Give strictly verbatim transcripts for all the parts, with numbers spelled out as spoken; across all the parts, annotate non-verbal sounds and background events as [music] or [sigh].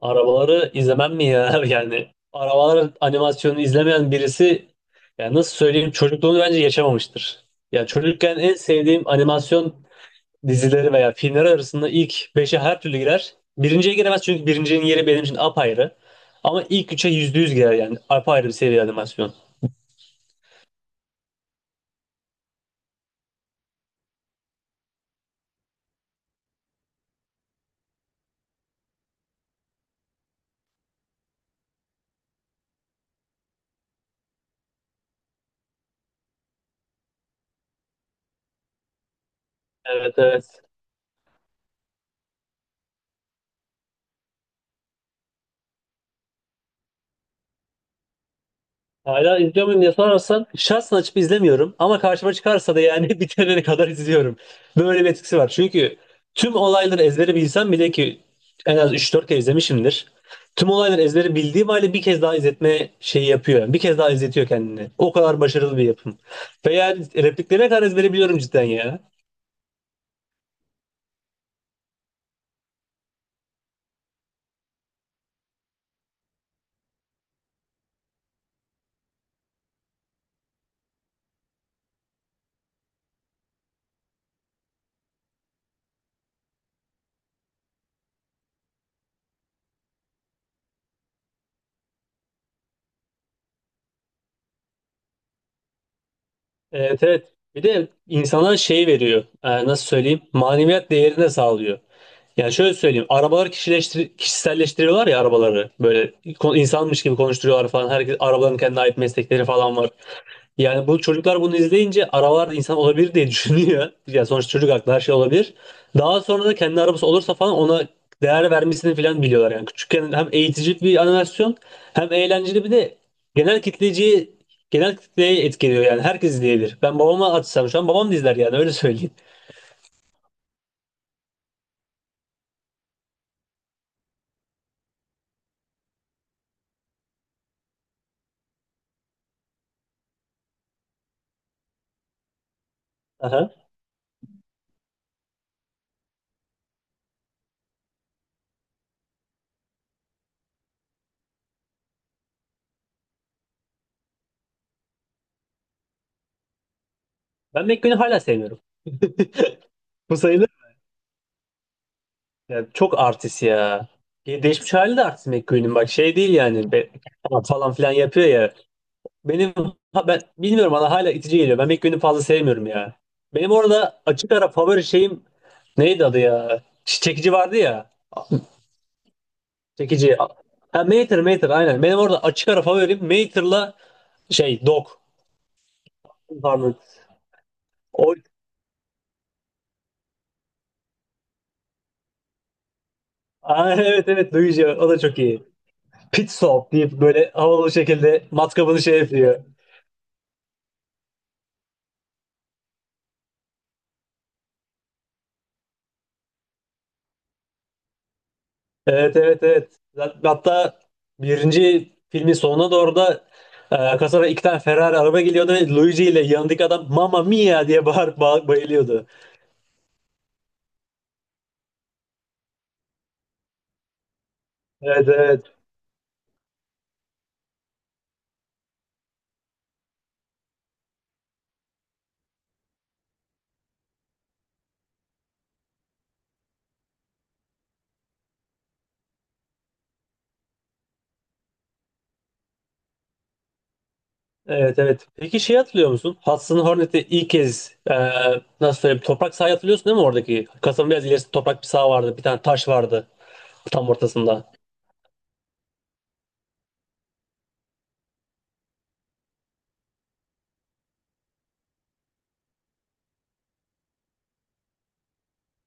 Arabaları izlemem mi ya? [laughs] Yani arabalar animasyonunu izlemeyen birisi yani nasıl söyleyeyim çocukluğunu bence yaşamamıştır. Ya çocukken en sevdiğim animasyon dizileri veya filmleri arasında ilk beşe her türlü girer. Birinciye giremez çünkü birincinin yeri benim için apayrı. Ama ilk üçe yüzde yüz girer yani apayrı bir seviye animasyon. Evet evet. Hala izliyor muyum diye sorarsan şahsen açıp izlemiyorum ama karşıma çıkarsa da yani [laughs] bitirene kadar izliyorum. Böyle bir etkisi var. Çünkü tüm olayları ezbere bilsem bile ki en az üç dört kere izlemişimdir. Tüm olayları ezbere bildiğim halde bir kez daha izletme şeyi yapıyor. Yani bir kez daha izletiyor kendini. O kadar başarılı bir yapım. Ve yani repliklerine kadar ezbere biliyorum cidden ya. Evet evet. Bir de insana şey veriyor. E, nasıl söyleyeyim? Maneviyat değerini de sağlıyor. Yani şöyle söyleyeyim. Arabaları kişileştir kişiselleştiriyorlar ya arabaları. Böyle ko- insanmış gibi konuşturuyorlar falan. Herkes arabaların kendine ait meslekleri falan var. Yani bu çocuklar bunu izleyince arabalar da insan olabilir diye düşünüyor. [laughs] Yani sonuçta çocuk aklı her şey olabilir. Daha sonra da kendi arabası olursa falan ona değer vermesini falan biliyorlar. Yani küçükken hem eğitici bir animasyon hem eğlenceli bir de genel kitleciyi genel kitleyi etkiliyor yani herkes izleyebilir. Ben babama açsam şu an babam da izler yani öyle söyleyeyim. Aha. Ben McQueen'i hala sevmiyorum. [laughs] Bu sayılır. Ya çok artist ya. Ya değişmiş hali de artist McQueen'in. Bak şey değil yani. Be, falan filan yapıyor ya. Benim ha, ben bilmiyorum, bana hala itici geliyor. Ben McQueen'i fazla sevmiyorum ya. Benim orada açık ara favori şeyim neydi adı ya? Ç- Çekici vardı ya. Çekici. Ha, Mater Mater aynen. Benim orada açık ara favorim Mater'la şey Dog. Pardon. O, [laughs] Aa, evet evet duyucu. O da çok iyi. Pit Stop deyip böyle havalı bir şekilde matkabını şey yapıyor. Evet evet evet. Zat- Hatta birinci filmin sonuna doğru da e, kasaba iki tane Ferrari araba geliyordu ve Luigi ile yanındaki adam Mamma Mia diye bağırıp ba- bayılıyordu. Evet evet. Evet evet. Peki şey hatırlıyor musun? Hudson Hornet'i ilk kez e, nasıl söyleyeyim, toprak sahayı hatırlıyorsun değil mi oradaki? Kasanın biraz ilerisinde toprak bir saha vardı. Bir tane taş vardı tam ortasında.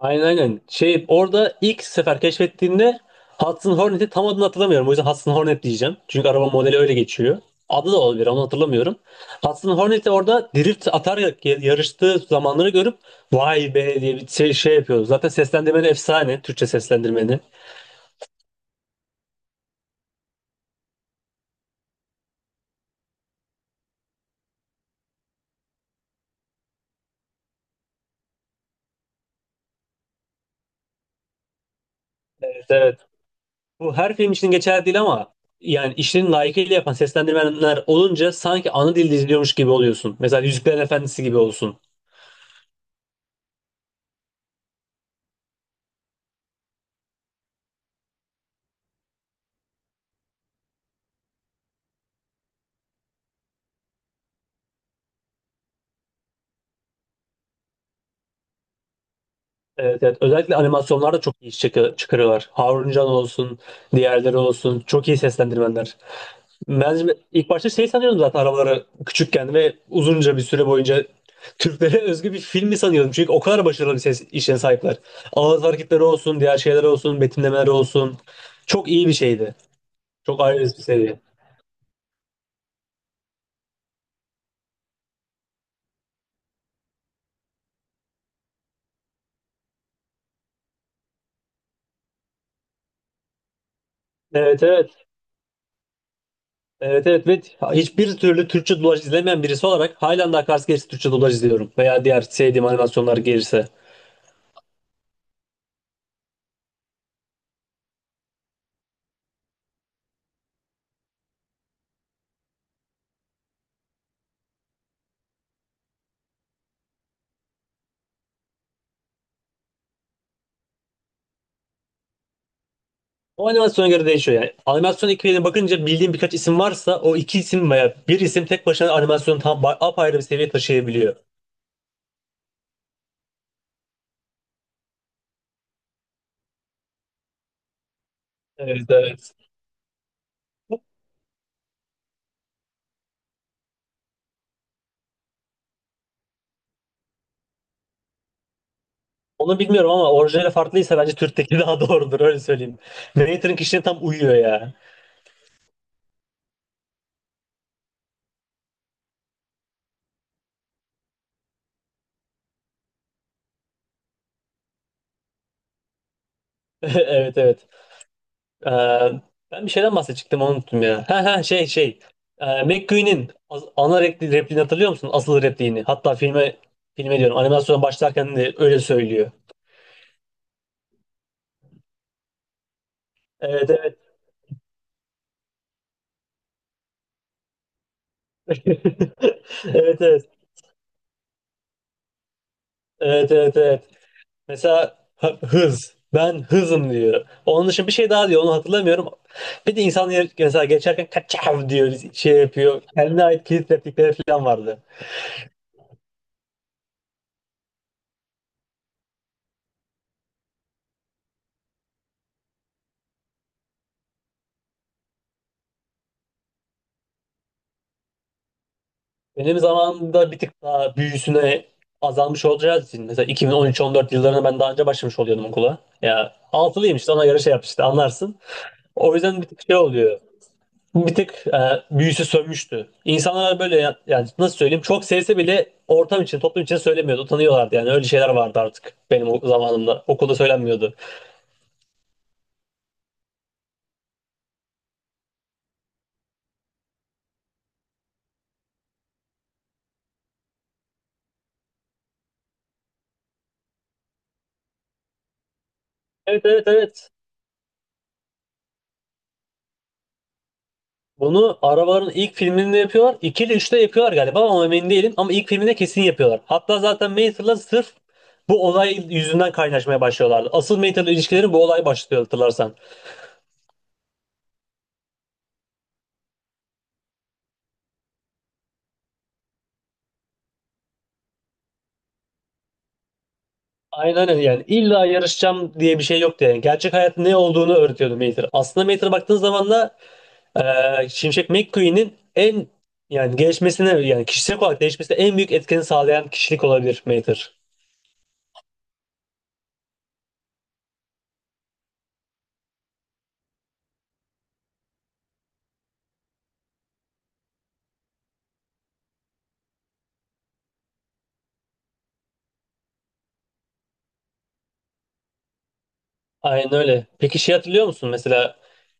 Aynen aynen. Şey, orada ilk sefer keşfettiğinde Hudson Hornet'i, tam adını hatırlamıyorum. O yüzden Hudson Hornet diyeceğim. Çünkü araba modeli öyle geçiyor. Adı da olabilir, onu hatırlamıyorum. Hudson Hornet'i orada drift atarak ya yarıştığı zamanları görüp vay be diye bir şey, şey yapıyoruz. Zaten seslendirmeni efsane. Türkçe seslendirmeni. Evet, evet. Bu her film için geçerli değil ama yani işlerini layıkıyla yapan seslendirmenler olunca sanki ana dilde izliyormuş gibi oluyorsun. Mesela Yüzüklerin Efendisi gibi olsun. Evet, evet. Özellikle animasyonlarda çok iyi iş çıkı- çıkarıyorlar. Harun Can olsun, diğerleri olsun. Çok iyi seslendirmenler. Ben ilk başta şey sanıyordum zaten arabaları, küçükken ve uzunca bir süre boyunca Türklere [laughs] özgü bir film mi sanıyordum. Çünkü o kadar başarılı bir ses işe sahipler. Ağız hareketleri olsun, diğer şeyler olsun, betimlemeler olsun. Çok iyi bir şeydi. Çok ayrı bir seviye. Evet evet. Evet evet ve hiçbir türlü Türkçe dublaj izlemeyen birisi olarak halen daha Cars gerisi Türkçe dublaj izliyorum. Veya diğer sevdiğim animasyonlar gelirse. O animasyona göre değişiyor yani. Animasyon ekibine bakınca bildiğim birkaç isim varsa o iki isim veya bir isim tek başına animasyonu tam ba- apayrı bir seviye taşıyabiliyor. Evet evet. Onu bilmiyorum ama orijinali farklıysa bence Türk'teki daha [laughs] doğrudur, öyle söyleyeyim. Narrator'ın kişiliğine tam uyuyor ya. [laughs] Evet evet. Ee, Ben bir şeyden bahsedecektim, onu unuttum ya. Ha ha, şey şey. Ee, McQueen'in az- ana repli- repliğini hatırlıyor musun? Asıl repliğini. Hatta filme, filme diyorum animasyona, başlarken de öyle söylüyor. Evet evet. [laughs] Evet evet. Evet evet evet. Mesela h- hız. Ben hızım diyor. Onun dışında bir şey daha diyor. Onu hatırlamıyorum. Bir de insan yer- mesela geçerken kaçav diyor. Şey yapıyor. Kendine ait kilit replikleri falan vardı. Benim zamanımda bir tık daha büyüsüne azalmış olacağı için. Mesela iki bin on üç-on dört yıllarında ben daha önce başlamış oluyordum okula. Ya altılıyım işte, ona göre şey yap işte, anlarsın. O yüzden bir tık şey oluyor. Bir tık e, büyüsü sönmüştü. İnsanlar böyle ya- yani nasıl söyleyeyim, çok sevse bile ortam için, toplum için söylemiyordu. Utanıyorlardı, yani öyle şeyler vardı artık benim o zamanımda. Okulda söylenmiyordu. Evet evet evet. Bunu arabaların ilk filminde yapıyorlar. iki ile üçte yapıyorlar galiba ama emin değilim. Ama ilk filminde kesin yapıyorlar. Hatta zaten Mayther'la sırf bu olay yüzünden kaynaşmaya başlıyorlardı. Asıl Mayther'la ilişkileri bu olay başlıyor, hatırlarsan. Aynen öyle, yani illa yarışacağım diye bir şey yoktu yani. Gerçek hayatın ne olduğunu öğretiyordu Mater. Aslında Mater'a baktığın zaman da Ee, Şimşek McQueen'in en yani gelişmesine, yani kişisel olarak değişmesine en büyük etkeni sağlayan kişilik olabilir Mater. Aynen öyle. Peki şey hatırlıyor musun, mesela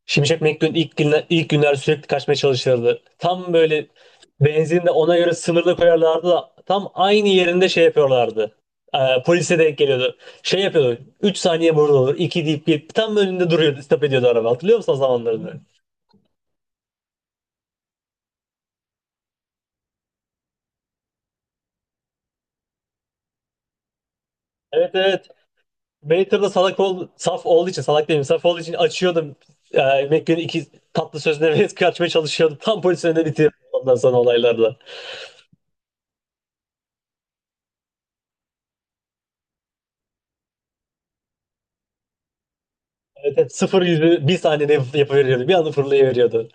Şimşek McQueen ilk günler, ilk günler sürekli kaçmaya çalışırdı. Tam böyle benzin de ona göre sınırlı koyarlardı da tam aynı yerinde şey yapıyorlardı. Ee, polise denk geliyordu. Şey yapıyordu. Üç saniye burada olur. iki deyip bir tam önünde duruyordu. Stop ediyordu araba. Hatırlıyor musun o zamanlarını? Evet evet. Waiter'da salak ol, saf olduğu için, salak değilim saf olduğu için açıyordum. E, Mac'in iki tatlı sözüne ve kaçmaya [laughs] çalışıyordum. Tam polisin önüne bitiyordum ondan sonra olaylarla. Evet, evet, sıfır yüzü bir saniyede yap- yapıveriyordu. Bir anda fırlayıveriyordu.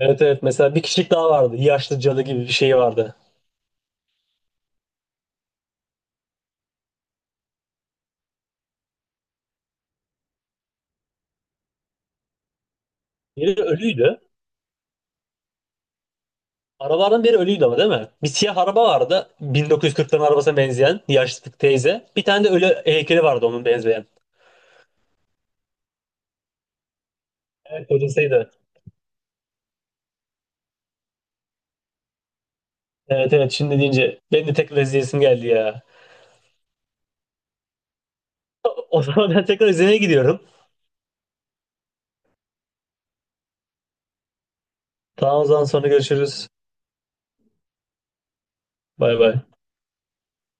Evet evet mesela bir kişilik daha vardı. Yaşlı cadı gibi bir şey vardı. Biri ölüydü. Arabalardan biri ölüydü ama değil mi? Bir siyah araba vardı. bin dokuz yüz kırklıların arabasına benzeyen yaşlı teyze. Bir tane de ölü heykeli vardı onun benzeyen. Evet kocasıydı. Evet evet şimdi deyince benim de tek izleyesim geldi ya. [laughs] O zaman ben tekrar izlemeye gidiyorum. Tamam o zaman sonra görüşürüz. Bay bay.